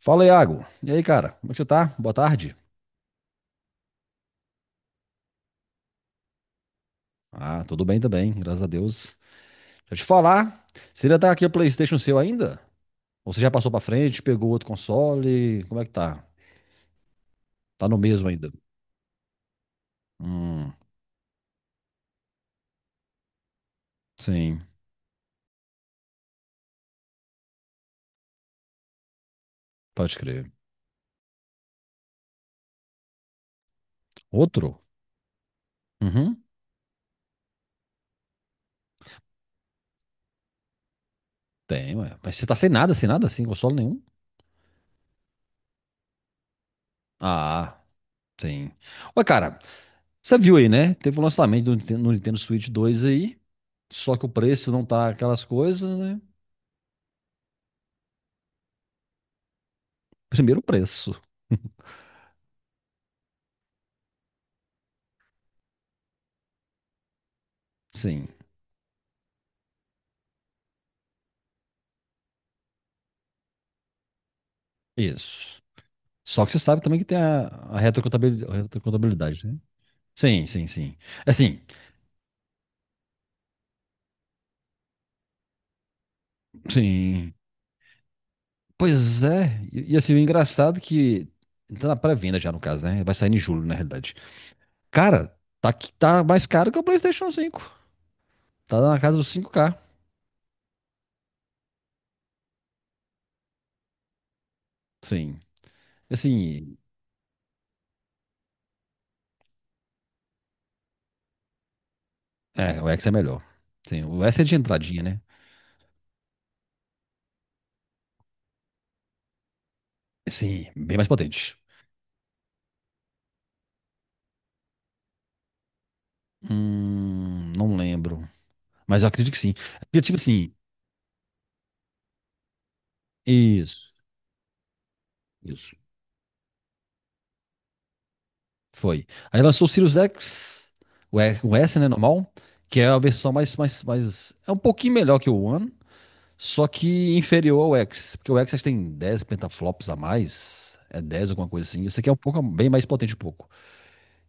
Fala, Iago. E aí, cara? Como é que você tá? Boa tarde. Ah, tudo bem também, graças a Deus. Deixa eu te falar, você ainda tá aqui o PlayStation seu ainda? Ou você já passou pra frente, pegou outro console? Como é que tá? Tá no mesmo ainda? Hum, sim, pode crer. Outro? Uhum, tem, ué. Mas você tá sem nada, sem nada, sem console nenhum? Ah, sim. Ué, cara, você viu aí, né? Teve o lançamento do Nintendo, no Nintendo Switch 2 aí, só que o preço não tá aquelas coisas, né? Primeiro o preço. Sim, isso. Só que você sabe também que tem a retrocontabilidade, retrocontabilidade, né? Sim, sim, sim. Assim, sim. Pois é. E assim, o engraçado é que. Tá na pré-venda já, no caso, né? Vai sair em julho, na realidade. Cara, tá, que tá mais caro que o PlayStation cinco. Tá na casa dos 5K. Sim. Assim, é, o X é melhor. Sim, o S é de entradinha, né? Sim, bem mais potente. Não lembro. Mas eu acredito que sim. Porque, tipo assim, isso, isso. Foi. Aí lançou o Sirius X, o S, né, normal, que é a versão mais, mais, mais... É um pouquinho melhor que o One, só que inferior ao X. Porque o X acho que tem 10 pentaflops a mais, é 10 alguma coisa assim. Esse aqui é um pouco, bem mais potente um pouco.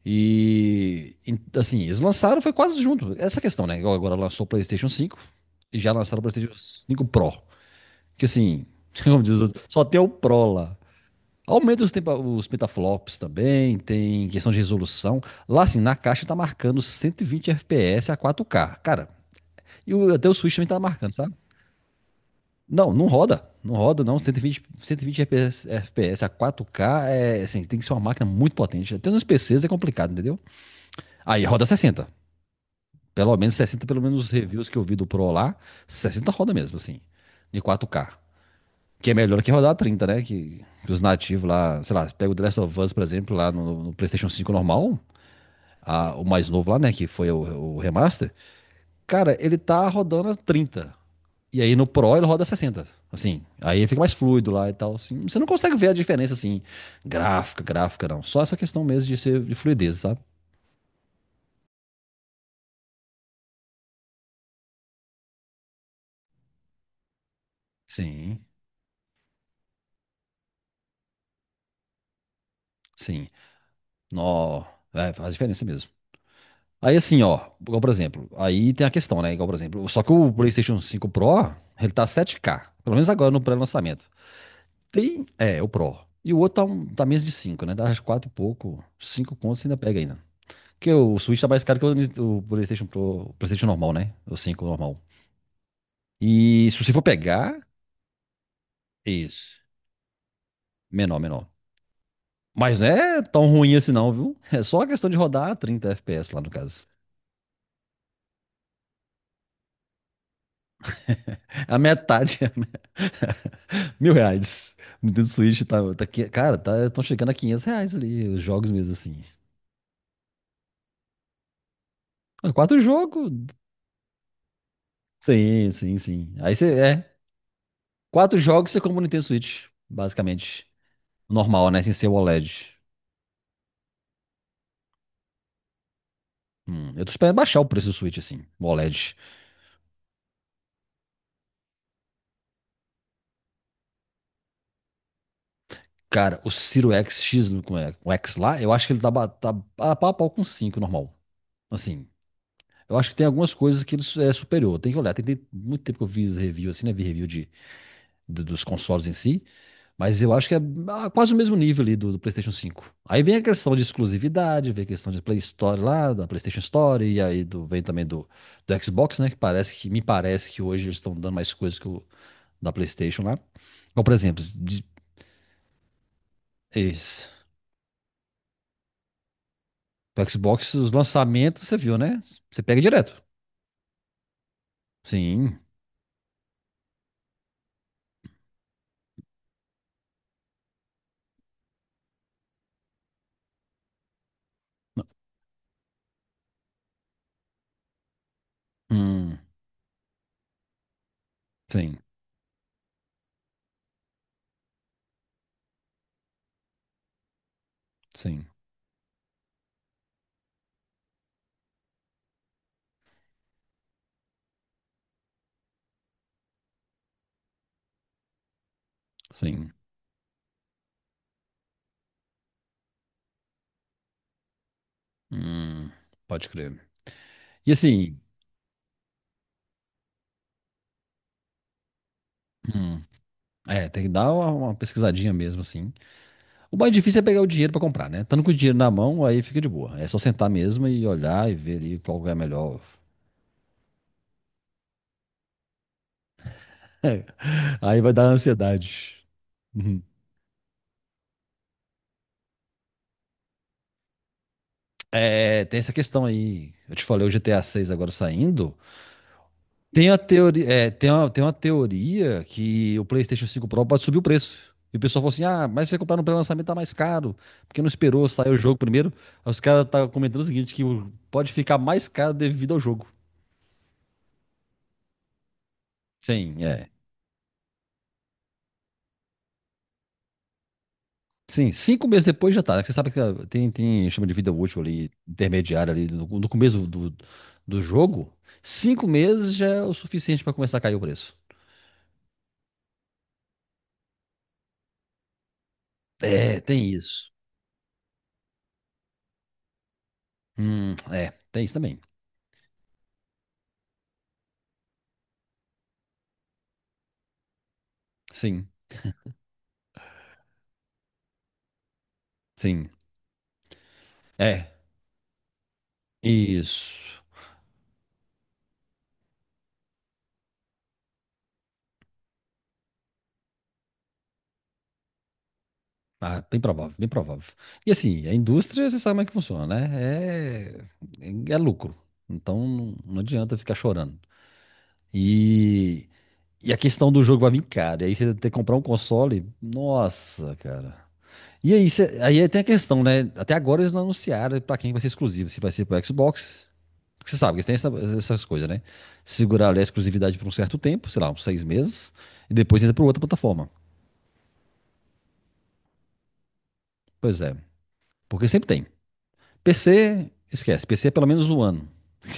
Assim, eles lançaram, foi quase junto. Essa questão, né? Igual agora lançou o PlayStation 5 e já lançaram o PlayStation 5 Pro. Que assim, como diz o outro, só tem o Pro lá. Aumenta os petaflops também, tem questão de resolução. Lá, assim, na caixa tá marcando 120 FPS a 4K. Cara, até o Switch também tá marcando, sabe? Não, não roda. Não roda, não. 120 FPS, a 4K é, assim, tem que ser uma máquina muito potente. Até nos PCs é complicado, entendeu? Aí roda 60. Pelo menos 60, pelo menos os reviews que eu vi do Pro lá, 60 roda mesmo, assim, de 4K. Que é melhor que rodar 30, né? Que os nativos lá, sei lá, pega o The Last of Us, por exemplo, lá no PlayStation 5 normal, o mais novo lá, né? Que foi o remaster. Cara, ele tá rodando as 30. E aí no Pro ele roda 60. Assim, aí fica mais fluido lá e tal, assim. Você não consegue ver a diferença, assim, gráfica, gráfica, não. Só essa questão mesmo de ser de fluidez, sabe? Sim, sim. Nó, é, faz diferença mesmo. Aí assim, ó, igual por exemplo, aí tem a questão, né? Igual por exemplo, só que o PlayStation 5 Pro, ele tá 7K, pelo menos agora no pré-lançamento. Tem, é, o Pro. E o outro tá, tá menos de 5, né? Dá uns 4 e pouco, 5 contos você ainda pega ainda. Porque o Switch tá mais caro que o PlayStation Pro, o PlayStation normal, né? O 5 normal. E se você for pegar, isso, menor, menor. Mas não é tão ruim assim não, viu? É só a questão de rodar a 30 FPS lá no caso. É a metade. R$ 1.000. Nintendo Switch tá, cara, tá, estão chegando a R$ 500 ali, os jogos mesmo assim. Ah, quatro jogos? Sim, sim, sim. Aí você, é, quatro jogos você compra o Nintendo Switch, basicamente. Normal, né, sem ser o OLED. Eu tô esperando baixar o preço do Switch, assim, o OLED. Cara, o Ciro X, como é, o X lá, eu acho que ele tá a pau com 5 normal. Assim, eu acho que tem algumas coisas que ele é superior, tem que olhar. Tem muito tempo que eu fiz review, assim, né, vi review dos consoles em si, mas eu acho que é quase o mesmo nível ali do PlayStation 5. Aí vem a questão de exclusividade, vem a questão de Play Store lá, da PlayStation Store, e aí vem também do Xbox, né? Que parece que me parece que hoje eles estão dando mais coisas que o da PlayStation lá. Então, por exemplo, esse, pro Xbox, os lançamentos, você viu, né? Você pega direto. Sim. Hum, sim, sim, sim. Hum, pode crer. E assim, hum, tem que dar uma pesquisadinha mesmo, assim. O mais difícil é pegar o dinheiro pra comprar, né? Estando com o dinheiro na mão, aí fica de boa. É só sentar mesmo e olhar e ver ali qual é a melhor. Aí vai dar ansiedade. Uhum. É, tem essa questão aí. Eu te falei o GTA 6 agora saindo. Tem a teoria, é, tem uma teoria que o PlayStation cinco Pro pode subir o preço. E o pessoal falou assim: ah, mas se você comprar no pré-lançamento tá mais caro, porque não esperou sair o jogo primeiro. Aí os caras tá comentando o seguinte: pode ficar mais caro devido ao jogo. Sim, é. Sim, 5 meses depois já tá, né? Você sabe que tem chama de vida útil ali, intermediária ali, no começo do jogo. Cinco meses já é o suficiente para começar a cair o preço. É, tem isso. Tem isso também. Sim, sim. É, isso. Ah, bem provável, bem provável. E assim, a indústria, você sabe como é que funciona, né? É lucro. Então não, não adianta ficar chorando. E, E a questão do jogo vai vir caro. E aí você ter que comprar um console, nossa, cara. E aí, aí é, tem a questão, né? Até agora eles não anunciaram pra quem vai ser exclusivo, se vai ser pro Xbox. Porque você sabe que eles têm essas coisas, né? Segurar ali a exclusividade por um certo tempo, sei lá, uns 6 meses, e depois entra pra outra plataforma. Pois é. Porque sempre tem. PC, esquece. PC é pelo menos um ano.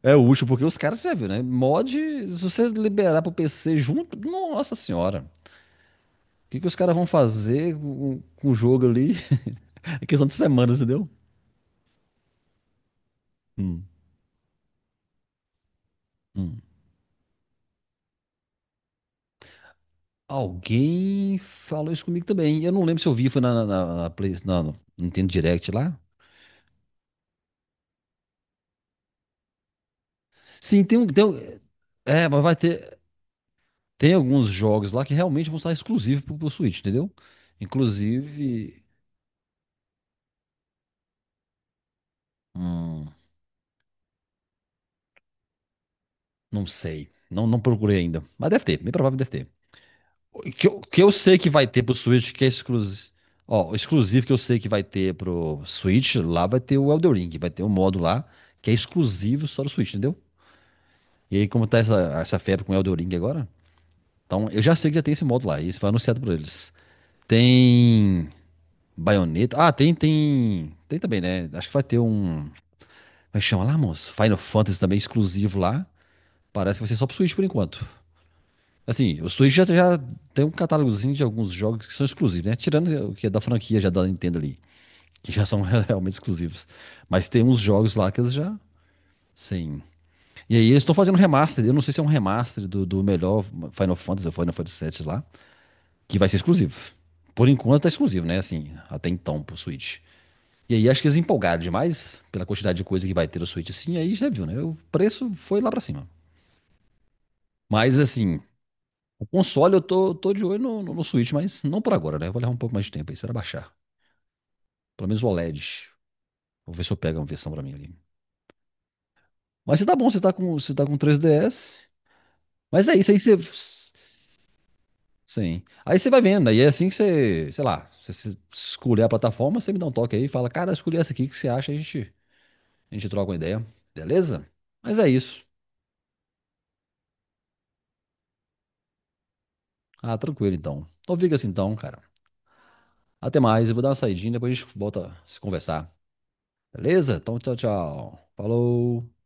É útil, porque os caras, você já viu, né? Mod, se você liberar pro PC junto, nossa senhora. O que, que os caras vão fazer com o jogo ali? É questão de semanas, entendeu? Hum, hum. Alguém falou isso comigo também. Eu não lembro se eu vi, foi na Play, no Nintendo Direct lá. Sim, tem um. É, mas vai ter. Tem alguns jogos lá que realmente vão estar exclusivos pro Switch, entendeu? Inclusive. hum, não sei. Não, não procurei ainda. Mas deve ter, bem provável que deve ter. Que eu sei que vai ter pro Switch, que é exclusivo. Ó, o exclusivo que eu sei que vai ter pro Switch, lá vai ter o Elden Ring, vai ter um modo lá que é exclusivo só do Switch, entendeu? E aí, como tá essa febre com o Elden Ring agora? Então, eu já sei que já tem esse modo lá, e isso foi anunciado por eles. Tem Bayonetta. Ah, tem, tem. Tem também, né? Acho que vai ter um. Como é que chama lá, moço? Final Fantasy também exclusivo lá. Parece que vai ser só pro Switch por enquanto. Assim, o Switch já tem um catálogozinho de alguns jogos que são exclusivos, né? Tirando o que é da franquia já da Nintendo ali, que já são realmente exclusivos. Mas tem uns jogos lá que eles já. Sim. E aí eles estão fazendo um remaster. Eu não sei se é um remaster do melhor Final Fantasy ou Final Fantasy VII lá, que vai ser exclusivo. Por enquanto tá exclusivo, né? Assim, até então pro Switch. E aí acho que eles empolgaram demais pela quantidade de coisa que vai ter no Switch, assim, aí já viu, né? O preço foi lá pra cima. Mas assim, o console eu tô de olho no Switch, mas não por agora, né? Eu vou levar um pouco mais de tempo aí, será baixar. Pelo menos o OLED. Vou ver se eu pego uma versão pra mim ali. Mas você tá bom, você tá com 3DS. Mas é isso aí, você. Sim. Aí você vai vendo, aí é assim que você, sei lá, você se- escolher a plataforma, você me dá um toque aí e fala, cara, escolhi essa aqui, o que você acha? A gente troca uma ideia, beleza? Mas é isso. Ah, tranquilo então. Então fica assim então, cara. Até mais, eu vou dar uma saidinha, depois a gente volta a se conversar, beleza? Então tchau, tchau. Falou.